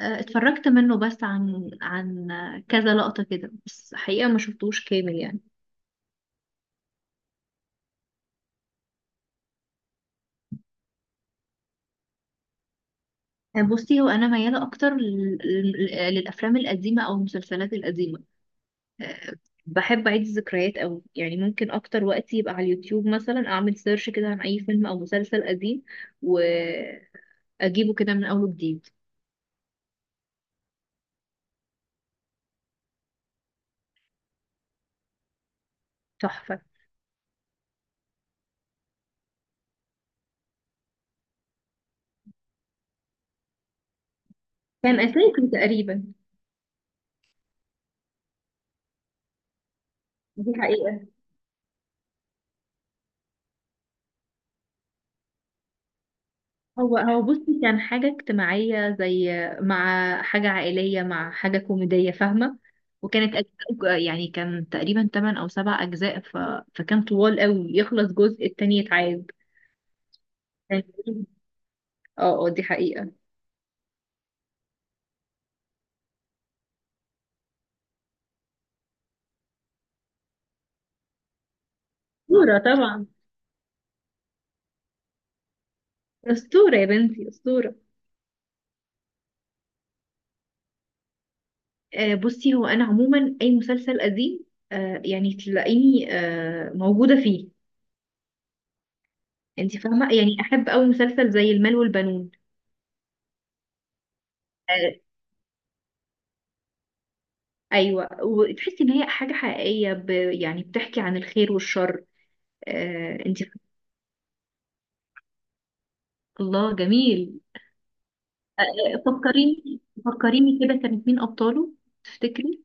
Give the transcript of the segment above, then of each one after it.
اتفرجت منه بس عن كذا لقطة كده بس حقيقة ما شفتوش كامل يعني. بصي، هو أنا ميالة أكتر للأفلام القديمة أو المسلسلات القديمة. آه، بحب أعيد الذكريات أوي، يعني ممكن أكتر وقت يبقى على اليوتيوب مثلا أعمل سيرش كده عن أي فيلم أو مسلسل قديم وأجيبه كده من أول وجديد. تحفة. كان أساسي تقريبا. دي حقيقة. هو بصي، كان حاجة اجتماعية زي مع حاجة عائلية مع حاجة كوميدية، فاهمة؟ وكانت أجزاء، يعني كان تقريبا 8 أو 7 أجزاء، فكان طوال قوي، يخلص جزء التاني يتعاد. كان- اه اه، دي حقيقة. أسطورة طبعا. أسطورة يا بنتي أسطورة. بصي، هو أنا عموما أي مسلسل قديم. يعني تلاقيني موجودة فيه. انت فاهمة؟ يعني أحب أوي مسلسل زي المال والبنون. آه، ايوه، وتحسي ان هي حاجه حقيقيه، يعني بتحكي عن الخير والشر. آه، انت. الله، جميل. آه آه، فكريني فكريني كده، كانت مين ابطاله؟ تفتكري؟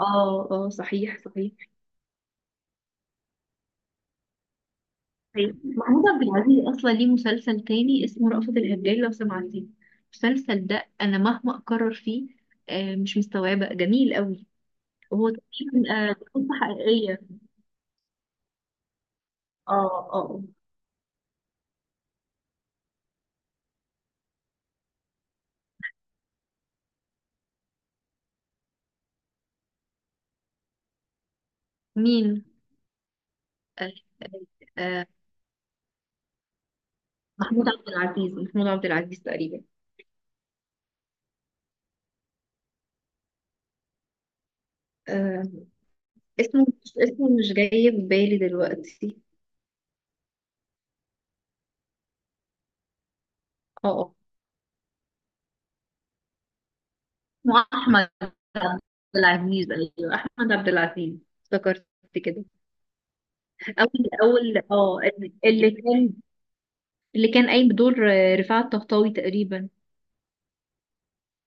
اه اه، صحيح صحيح. طيب، محمود عبد العزيز اصلا ليه مسلسل تاني اسمه رأفت الهجان لو سمعتيه. المسلسل ده انا مهما اكرر فيه. مش مستوعبه، جميل قوي. وهو تقريبا قصه حقيقيه. اه اه، آه. مين؟ آه، آه، آه، محمود عبد العزيز، محمود عبد العزيز تقريبا. آه اسمه مش جاي في بالي دلوقتي. اه، آه. اسمه احمد عبد العزيز، ايوه احمد عبد العزيز. افتكرت كده. اول اه، اللي كان، اللي كان قايم بدور رفاعة الطهطاوي تقريبا.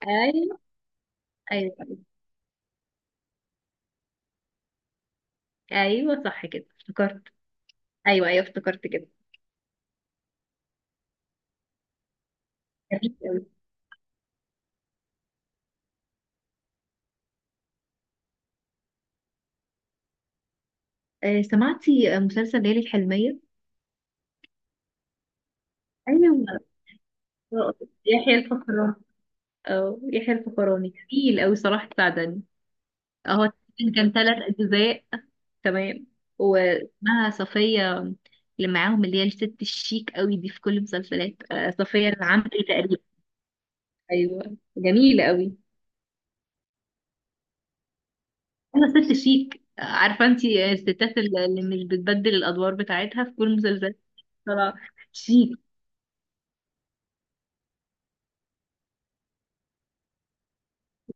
ايوه ايوه ايوه، صح كده افتكرت. ايوه ايوه، افتكرت كده. جميل أوي. سمعتي مسلسل ليالي الحلمية؟ ايوه. آه، يحيى الفخراني، أو يحيى الفخراني تقيل أوي صراحة، سعدني. أهو تقريباً كان 3 أجزاء. تمام. واسمها صفية. اللي معاهم، اللي هي الست الشيك أوي دي في كل المسلسلات، صفية العمري تقريبا. أيوة، جميلة أوي. أنا ست شيك، عارفة أنتي الستات اللي مش بتبدل الأدوار بتاعتها في كل المسلسلات. طلع شيك.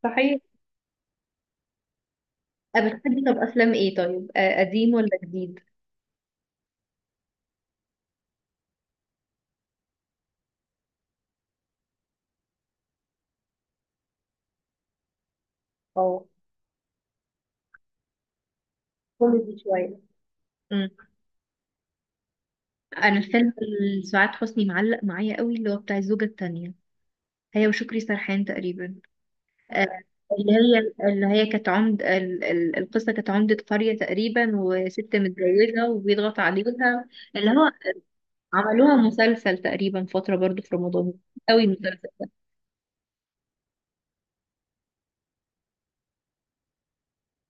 صحيح. بتحبي طب أفلام إيه طيب، قديم ولا جديد؟ اه، كوميدي شوية. انا فيلم سعاد حسني معلق معايا قوي، اللي هو بتاع الزوجة التانية، هي وشكري سرحان تقريبا. آه، اللي هي، كانت عمد القصة، كانت عمدة قرية تقريبا وست متجوزة وبيضغط عليها. اللي هو عملوها مسلسل تقريبا فترة برضو في رمضان. قوي المسلسل ده.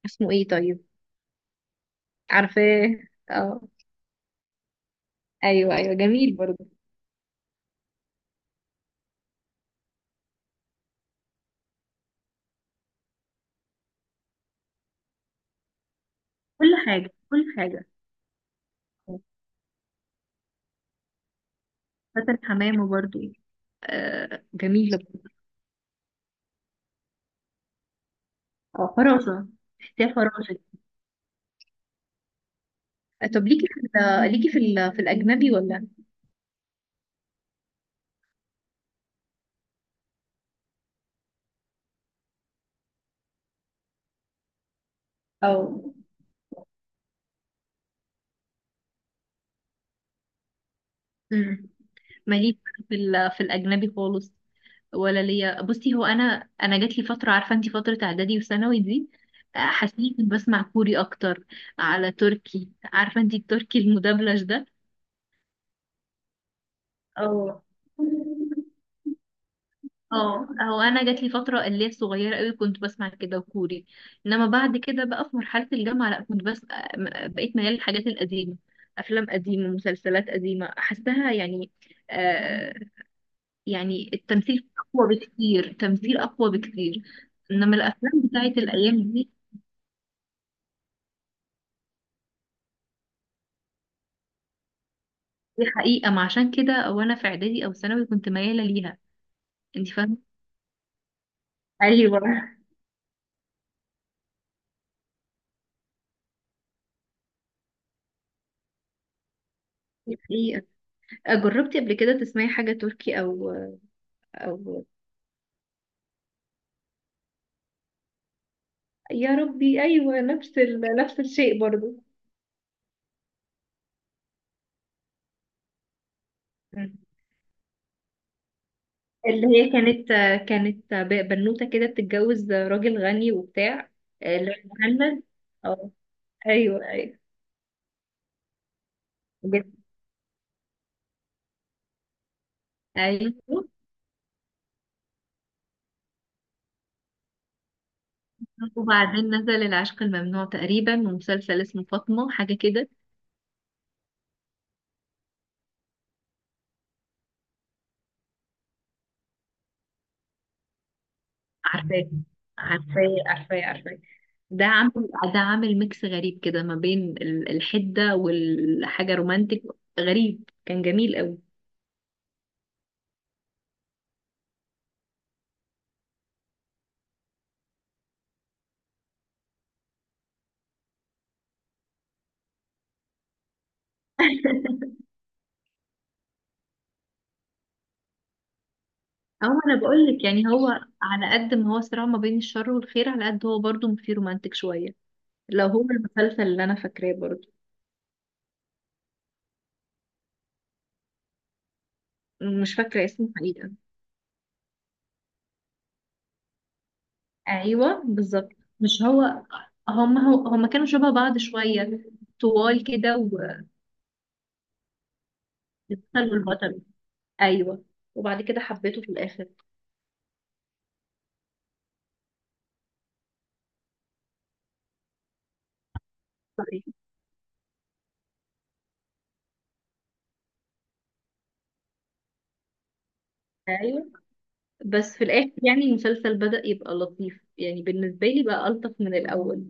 اسمه ايه طيب؟ عارفاه. اه. ايوه ايوه، جميل برضو. كل حاجة كل حاجة. فاتن حمامة برضو. جميلة برضو. اه، فراشة. تحسيها فراشة. طب، في الأجنبي ولا؟ او. امم ماليش في الاجنبي خالص، ولا ليا، بصي هو انا جات لي فتره، عارفه انت فتره اعدادي وثانوي دي. حسيت كنت بسمع كوري اكتر على تركي، عارفه انت التركي المدبلج ده. او. اه، هو انا جات لي فتره اللي هي صغيره قوي كنت بسمع كده وكوري. انما بعد كده بقى في مرحله الجامعه، لا كنت بس بقيت ميال للحاجات القديمه. افلام قديمه مسلسلات قديمه احسها يعني. آه يعني التمثيل اقوى بكتير، تمثيل اقوى بكتير. انما الافلام بتاعت الايام دي. دي حقيقه، ما عشان كده وانا في اعدادي او ثانوي كنت مياله ليها. انت فاهمه؟ ايوه. دي حقيقة. جربتي قبل كده تسمعي حاجة تركي أو؟ أو يا ربي، ايوه نفس نفس الشيء برضو. مم. اللي هي كانت بنوته كده بتتجوز راجل غني وبتاع. اللي هو مهند. اه. ايوه ايوه، بجد. ايوه، وبعدين نزل العشق الممنوع تقريبا ومسلسل اسمه فاطمه حاجه كده. عارفاه، عارفاه، عارفاه، عارفاه. ده عامل ميكس غريب كده ما بين الحده والحاجه رومانتك. غريب، كان جميل قوي. هو انا بقول لك، يعني هو على قد ما هو صراع ما بين الشر والخير على قد هو برضه فيه رومانتك شويه. لو هو المسلسل اللي انا فاكراه برضه. مش فاكره اسمه حقيقه. ايوه بالظبط. مش هو. هم كانوا شبه بعض شويه. طوال كده. والبطل والبطل. ايوه. وبعد كده حبيته في الاخر. صحيح. ايوه، بس في الاخر يعني المسلسل بدأ يبقى لطيف يعني بالنسبه لي، بقى الطف من الاول.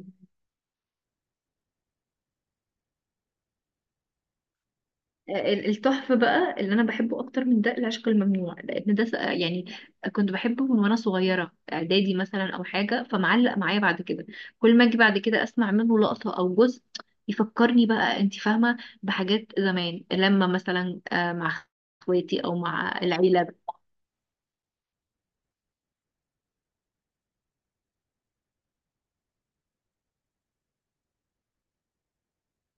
التحفة بقى اللي أنا بحبه أكتر من ده العشق الممنوع، لأن ده يعني كنت بحبه من وأنا صغيرة إعدادي مثلا أو حاجة، فمعلق معايا بعد كده. كل ما أجي بعد كده أسمع منه لقطة أو جزء يفكرني بقى، أنت فاهمة؟ بحاجات زمان، لما مثلا مع إخواتي أو مع العيلة.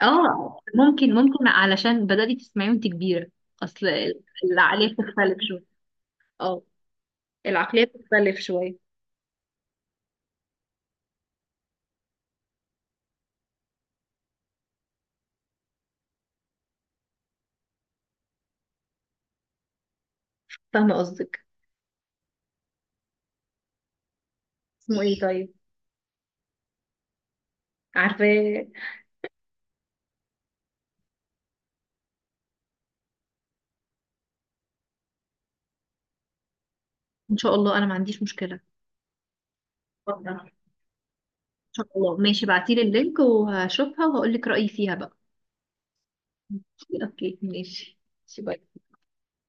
اه، ممكن علشان بدأتي تسمعيه وأنت كبيرة. أصل العقلية بتختلف شوية. اه، العقلية بتختلف شوية. فاهمة قصدك. اسمه ايه طيب؟ عارفاه. ان شاء الله، انا ما عنديش مشكلة. اتفضل. ان شاء الله، ماشي، بعتيلي اللينك وهشوفها وهقول لك رأيي فيها بقى. اوكي، ماشي. ماشي، باي.